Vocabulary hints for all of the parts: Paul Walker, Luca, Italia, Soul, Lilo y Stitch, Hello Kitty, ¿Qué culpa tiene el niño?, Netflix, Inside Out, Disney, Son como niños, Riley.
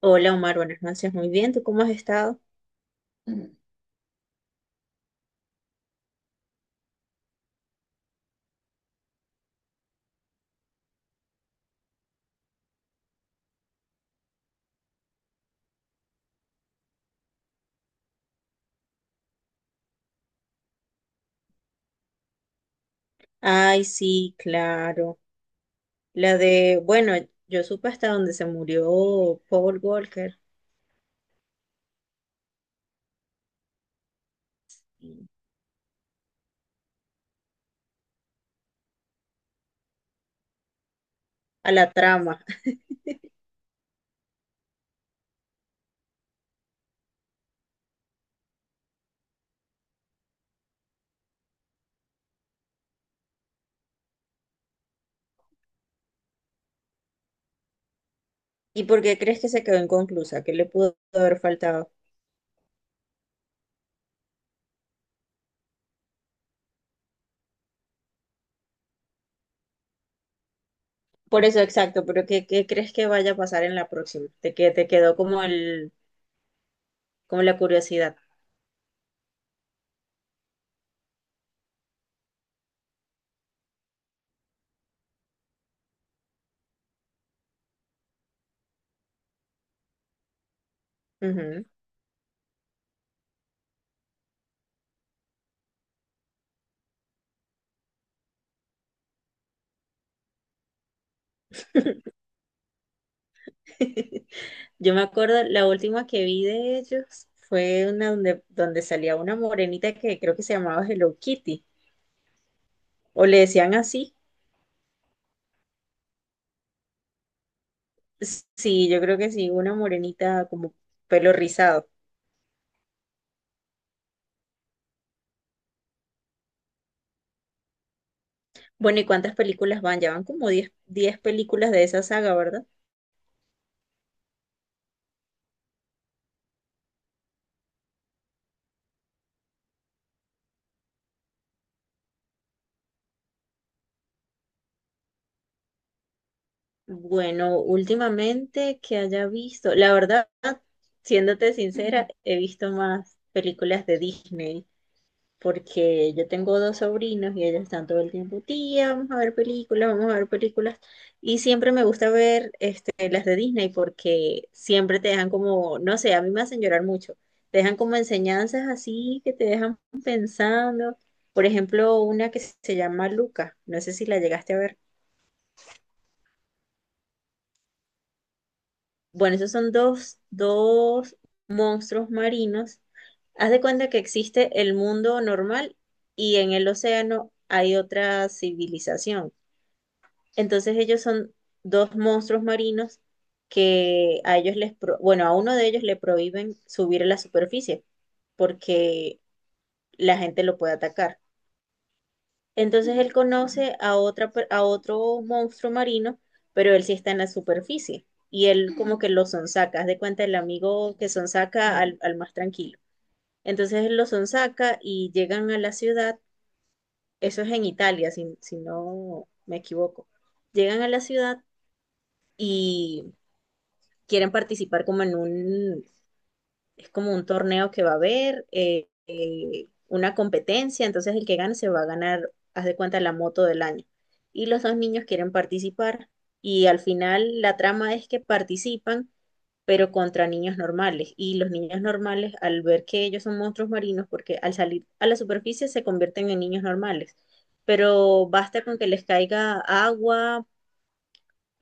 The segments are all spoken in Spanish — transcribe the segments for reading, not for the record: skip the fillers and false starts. Hola, Omar, buenas noches. Muy bien, ¿tú cómo has estado? Mm. Ay, sí, claro. La de, bueno, yo supe hasta donde se murió Paul Walker, a la trama. ¿Y por qué crees que se quedó inconclusa? ¿Qué le pudo haber faltado? Por eso, exacto, pero ¿qué crees que vaya a pasar en la próxima? Te quedó como como la curiosidad. Ujú. Yo me acuerdo, la última que vi de ellos fue una donde, donde salía una morenita que creo que se llamaba Hello Kitty, o le decían así. Sí, yo creo que sí, una morenita como pelo rizado. Bueno, ¿y cuántas películas van? Ya van como diez películas de esa saga, ¿verdad? Bueno, últimamente que haya visto, la verdad, siéndote sincera, he visto más películas de Disney. Porque yo tengo dos sobrinos y ellos están todo el tiempo, tía, vamos a ver películas, vamos a ver películas. Y siempre me gusta ver este, las de Disney porque siempre te dejan como, no sé, a mí me hacen llorar mucho. Te dejan como enseñanzas así que te dejan pensando. Por ejemplo, una que se llama Luca, no sé si la llegaste a ver. Bueno, esos son dos monstruos marinos. Haz de cuenta que existe el mundo normal y en el océano hay otra civilización. Entonces ellos son dos monstruos marinos que a ellos bueno, a uno de ellos le prohíben subir a la superficie porque la gente lo puede atacar. Entonces él conoce a a otro monstruo marino, pero él sí está en la superficie y él como que lo sonsaca, haz de cuenta el amigo que sonsaca al, al más tranquilo. Entonces él lo sonsaca y llegan a la ciudad, eso es en Italia, si no me equivoco. Llegan a la ciudad y quieren participar como en un, es como un torneo que va a haber, una competencia, entonces el que gane se va a ganar, haz de cuenta, la moto del año. Y los dos niños quieren participar y al final la trama es que participan, pero contra niños normales. Y los niños normales, al ver que ellos son monstruos marinos, porque al salir a la superficie se convierten en niños normales, pero basta con que les caiga agua,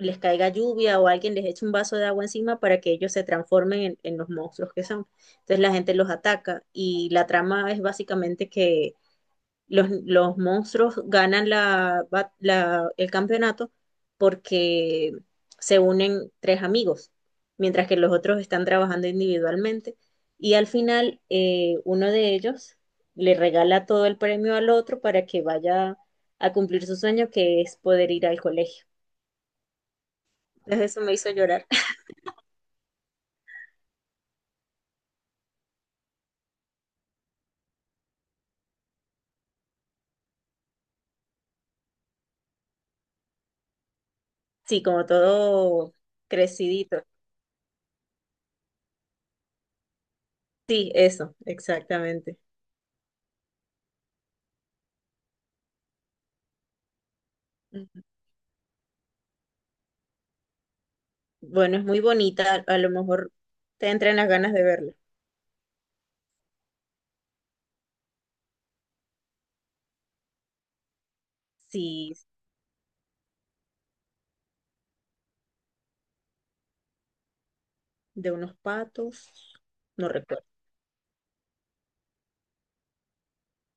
les caiga lluvia o alguien les eche un vaso de agua encima para que ellos se transformen en los monstruos que son. Entonces la gente los ataca y la trama es básicamente que los monstruos ganan el campeonato porque se unen tres amigos, mientras que los otros están trabajando individualmente y al final uno de ellos le regala todo el premio al otro para que vaya a cumplir su sueño que es poder ir al colegio. Entonces eso me hizo llorar. Sí, como todo crecidito. Sí, eso, exactamente. Ujú. Bueno, es muy bonita, a lo mejor te entran las ganas de verla. Sí, de unos patos, no recuerdo.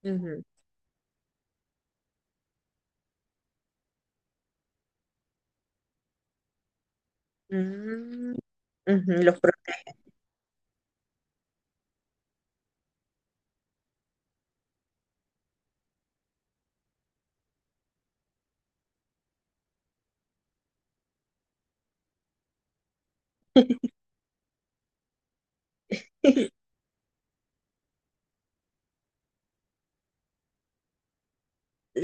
Ujú. Mm, ujú. Los protege.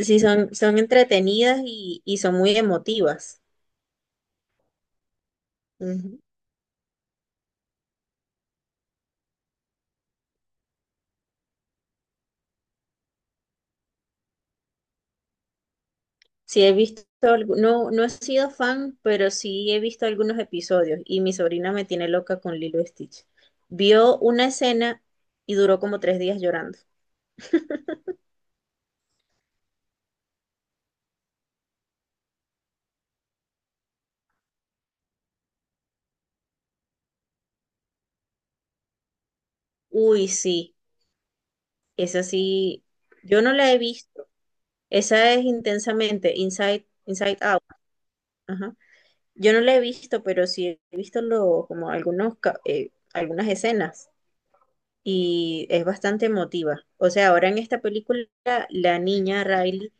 Sí, son, son entretenidas y son muy emotivas. Sí, he visto, no, no he sido fan, pero sí he visto algunos episodios y mi sobrina me tiene loca con Lilo y Stitch. Vio una escena y duró como 3 días llorando. Uy, sí, esa sí, yo no la he visto. Esa es Intensamente, Inside Out. Ajá. Yo no la he visto, pero sí he visto lo, como algunos, algunas escenas y es bastante emotiva. O sea, ahora en esta película la niña Riley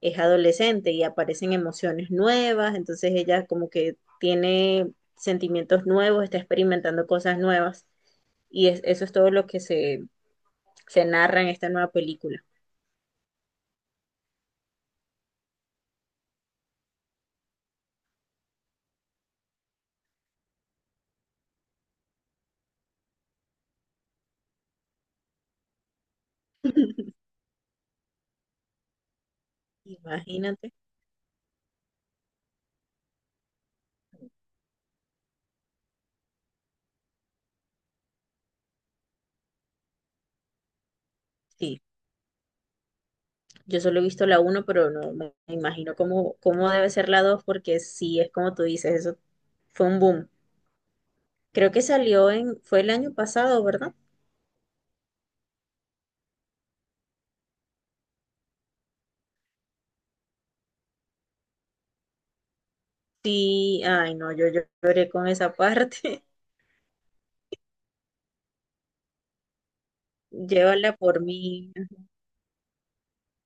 es adolescente y aparecen emociones nuevas, entonces ella como que tiene sentimientos nuevos, está experimentando cosas nuevas y eso es todo lo que se narra en esta nueva película. Imagínate. Sí, yo solo he visto la uno pero no me imagino cómo, cómo debe ser la 2 porque sí, es como tú dices, eso fue un boom. Creo que salió en, fue el año pasado, ¿verdad? Sí, ay no, yo lloré con esa parte. Llévala por mí.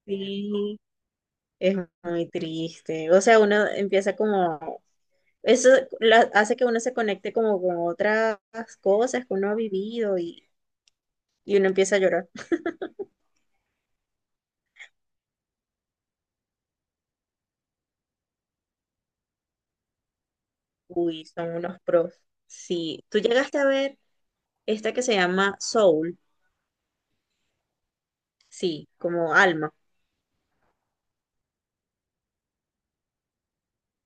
Sí, es muy triste. O sea, uno empieza como, eso hace que uno se conecte como con otras cosas que uno ha vivido y uno empieza a llorar. Uy, son unos pros. Sí. Tú llegaste a ver esta que se llama Soul, sí, como Alma,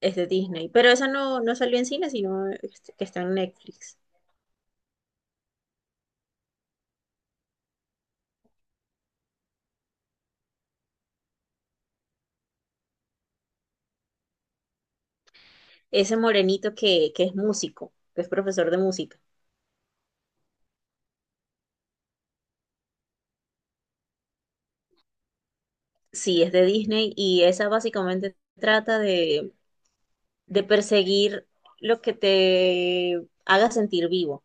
es de Disney, pero esa no, no salió en cine, sino este, que está en Netflix. Ese morenito que es músico, que es profesor de música. Sí, es de Disney y esa básicamente trata de perseguir lo que te haga sentir vivo.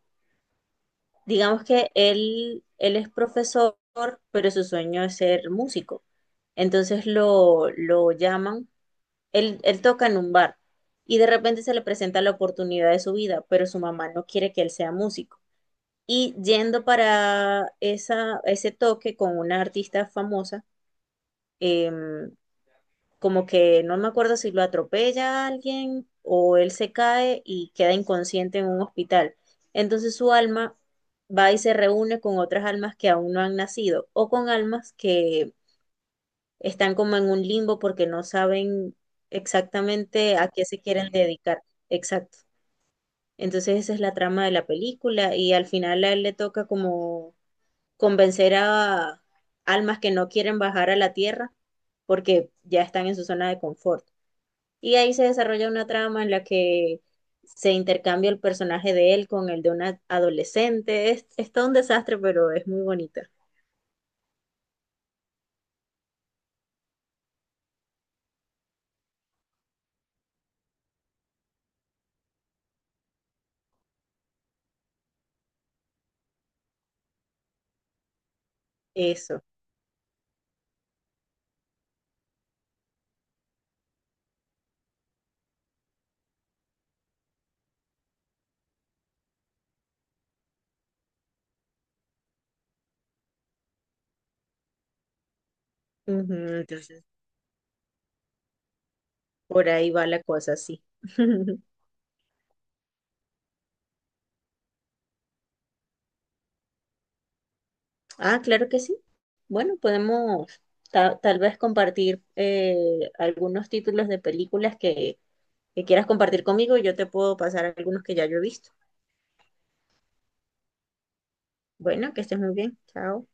Digamos que él es profesor, pero su sueño es ser músico. Entonces lo llaman, él toca en un bar y de repente se le presenta la oportunidad de su vida, pero su mamá no quiere que él sea músico. Y yendo para esa, ese toque con una artista famosa, em, como que no me acuerdo si lo atropella a alguien o él se cae y queda inconsciente en un hospital. Entonces su alma va y se reúne con otras almas que aún no han nacido o con almas que están como en un limbo porque no saben exactamente a qué se quieren dedicar. Exacto. Entonces esa es la trama de la película y al final a él le toca como convencer a almas que no quieren bajar a la tierra porque ya están en su zona de confort. Y ahí se desarrolla una trama en la que se intercambia el personaje de él con el de una adolescente. Es todo un desastre, pero es muy bonita. Eso. Ujú. Entonces, por ahí va la cosa, sí. Ah, claro que sí. Bueno, podemos tal vez compartir algunos títulos de películas que quieras compartir conmigo y yo te puedo pasar algunos que ya yo he visto. Bueno, que estés muy bien. Chao.